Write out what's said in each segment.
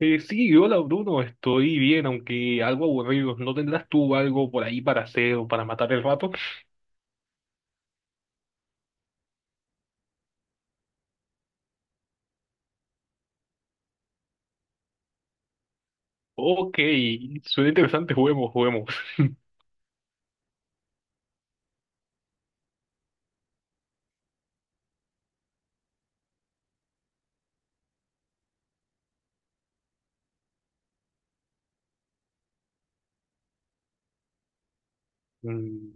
Sí, Hola Bruno, estoy bien, aunque algo aburrido. ¿No tendrás tú algo por ahí para hacer o para matar el rato? Ok, suena interesante, juguemos, juguemos. Mm.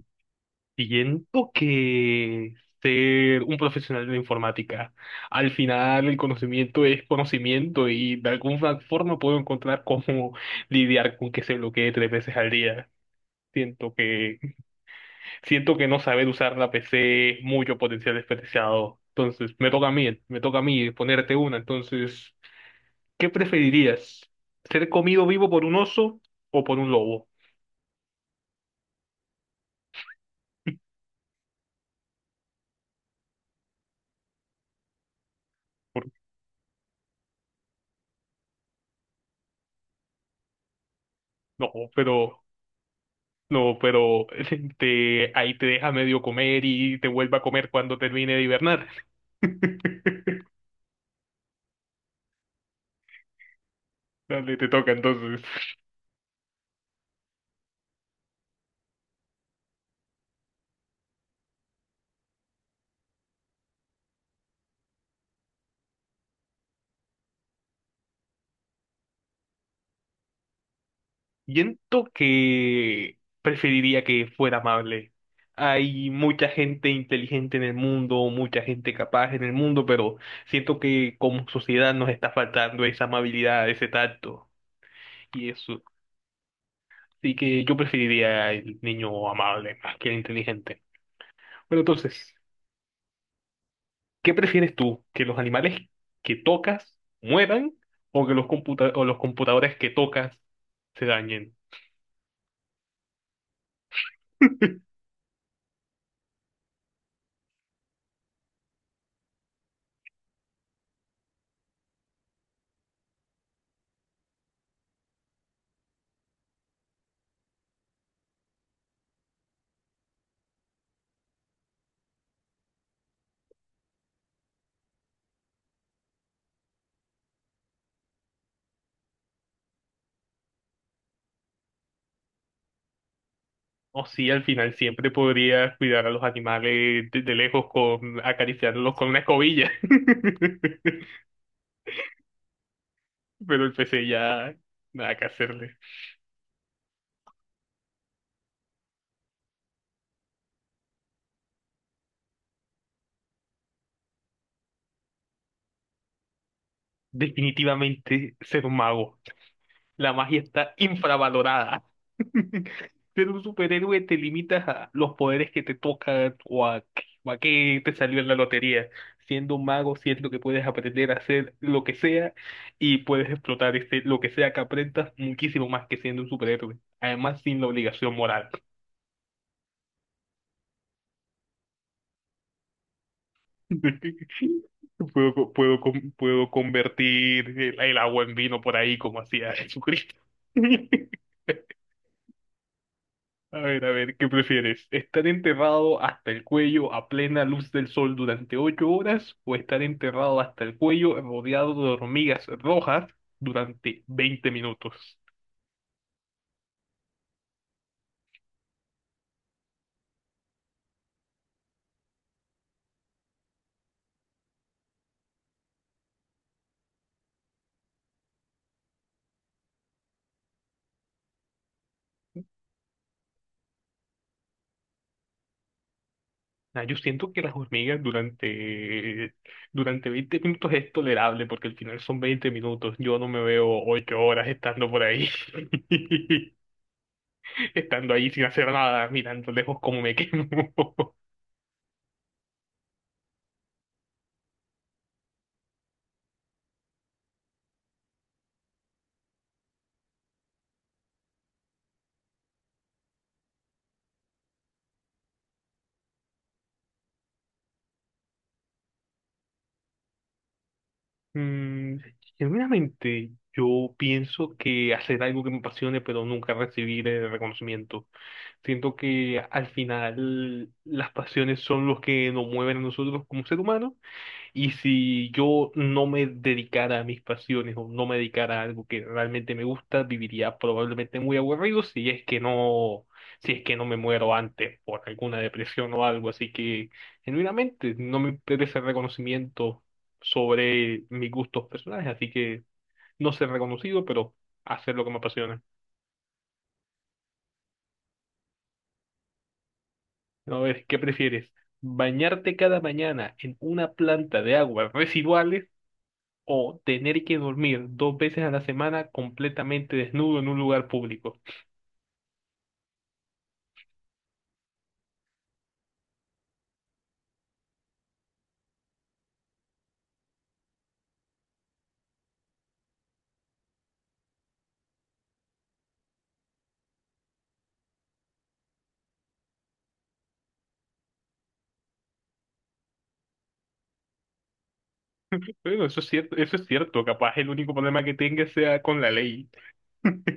Siento que ser un profesional de la informática, al final el conocimiento es conocimiento y de alguna forma puedo encontrar cómo lidiar con que se bloquee tres veces al día. Siento que, siento que no saber usar la PC es mucho potencial desperdiciado. Entonces, me toca a mí, me toca a mí ponerte una. Entonces, ¿qué preferirías? ¿Ser comido vivo por un oso o por un lobo? Por- No, pero, no, pero te, ahí te deja medio comer y te vuelve a comer cuando termine de hibernar. Dale, te toca entonces. Siento que preferiría que fuera amable. Hay mucha gente inteligente en el mundo, mucha gente capaz en el mundo, pero siento que como sociedad nos está faltando esa amabilidad, ese tacto y eso. Así que yo preferiría el niño amable más que el inteligente. Bueno, entonces, ¿qué prefieres tú? ¿Que los animales que tocas mueran o que o los computadores que tocas se dañen? O sí, al final siempre podría cuidar a los animales de lejos con acariciarlos con una escobilla. Pero el PC ya nada que hacerle. Definitivamente ser un mago. La magia está infravalorada. Ser un superhéroe te limitas a los poderes que te tocan o a qué te salió en la lotería. Siendo un mago, siento que puedes aprender a hacer lo que sea y puedes explotar este, lo que sea que aprendas muchísimo más que siendo un superhéroe. Además, sin la obligación moral. Puedo, puedo convertir el agua en vino por ahí como hacía Jesucristo. A ver, ¿qué prefieres? ¿Estar enterrado hasta el cuello a plena luz del sol durante ocho horas o estar enterrado hasta el cuello rodeado de hormigas rojas durante 20 minutos? Ah, yo siento que las hormigas durante 20 minutos es tolerable porque al final son 20 minutos. Yo no me veo ocho horas estando por ahí, estando ahí sin hacer nada, mirando lejos cómo me quemo. Mm, genuinamente, yo pienso que hacer algo que me apasione, pero nunca recibir el reconocimiento. Siento que al final las pasiones son los que nos mueven a nosotros como ser humanos. Y si yo no me dedicara a mis pasiones o no me dedicara a algo que realmente me gusta, viviría probablemente muy aburrido si es que no me muero antes por alguna depresión o algo. Así que, genuinamente, no me interesa el reconocimiento sobre mis gustos personales, así que no ser reconocido, pero hacer lo que me apasiona. A ver, ¿qué prefieres? ¿Bañarte cada mañana en una planta de aguas residuales o tener que dormir dos veces a la semana completamente desnudo en un lugar público? Bueno, eso es cierto, capaz el único problema que tenga sea con la ley,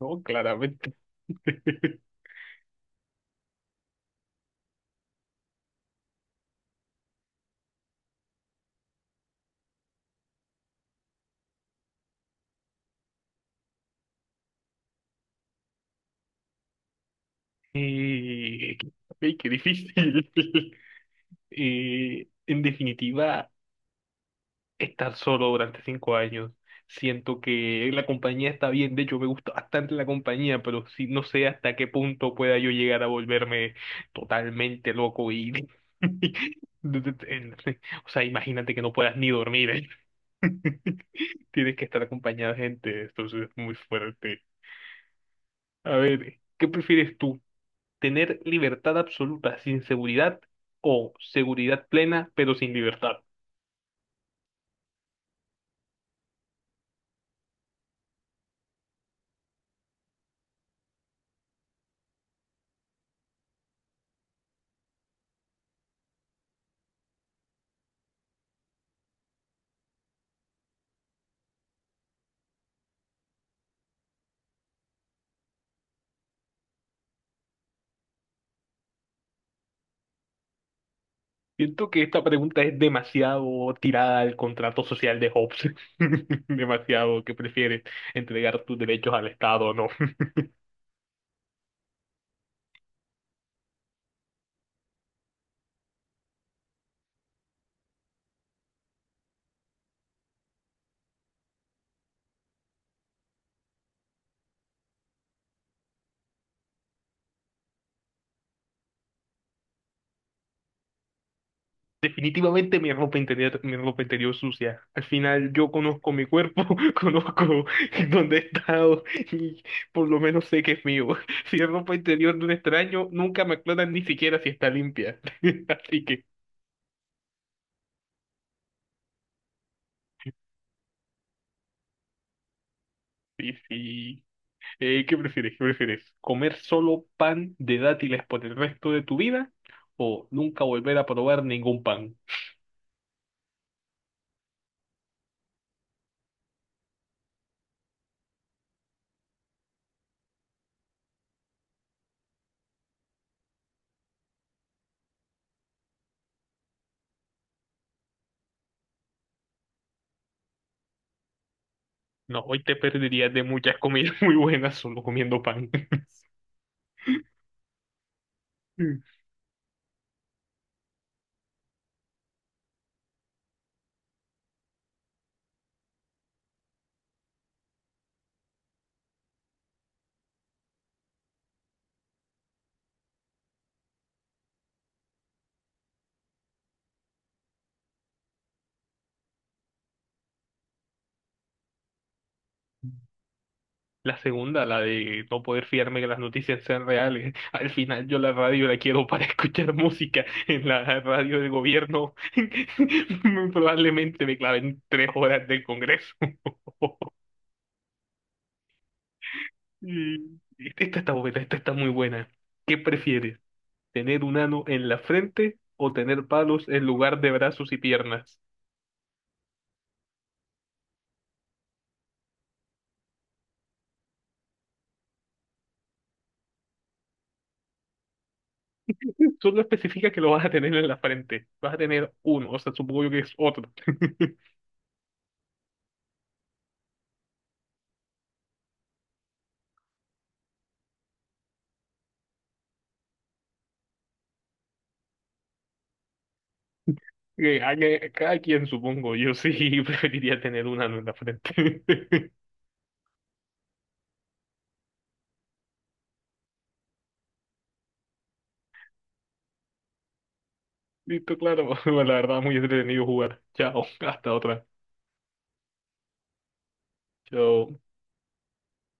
¿no? Claramente. Eh, qué difícil. En definitiva, estar solo durante 5 años. Siento que la compañía está bien, de hecho me gusta bastante la compañía, pero sí, no sé hasta qué punto pueda yo llegar a volverme totalmente loco y... O sea, imagínate que no puedas ni dormir, ¿eh? Tienes que estar acompañado de gente, entonces es muy fuerte. A ver, ¿qué prefieres tú? ¿Tener libertad absoluta sin seguridad o seguridad plena pero sin libertad? Siento que esta pregunta es demasiado tirada al contrato social de Hobbes. Demasiado que prefieres entregar tus derechos al Estado o no. Definitivamente mi ropa interior sucia. Al final yo conozco mi cuerpo, conozco dónde he estado y por lo menos sé que es mío. Si es ropa interior de un extraño, nunca me aclaran ni siquiera si está limpia. Así que sí, sí. ¿Qué prefieres? ¿Qué prefieres? ¿Comer solo pan de dátiles por el resto de tu vida o nunca volver a probar ningún pan? No, hoy te perderías de muchas comidas muy buenas solo comiendo pan. La segunda, la de no poder fiarme que las noticias sean reales. Al final yo la radio la quiero para escuchar música. En la radio del gobierno probablemente me claven tres horas del Congreso. Y esta está buena, esta está muy buena. ¿Qué prefieres? ¿Tener un ano en la frente o tener palos en lugar de brazos y piernas? Solo especifica que lo vas a tener en la frente. Vas a tener uno, o sea, supongo yo que es otro. Cada quien, supongo. Yo sí preferiría tener un ano en la frente. Listo, claro. La verdad, muy entretenido jugar. Chao, hasta otra. Chao.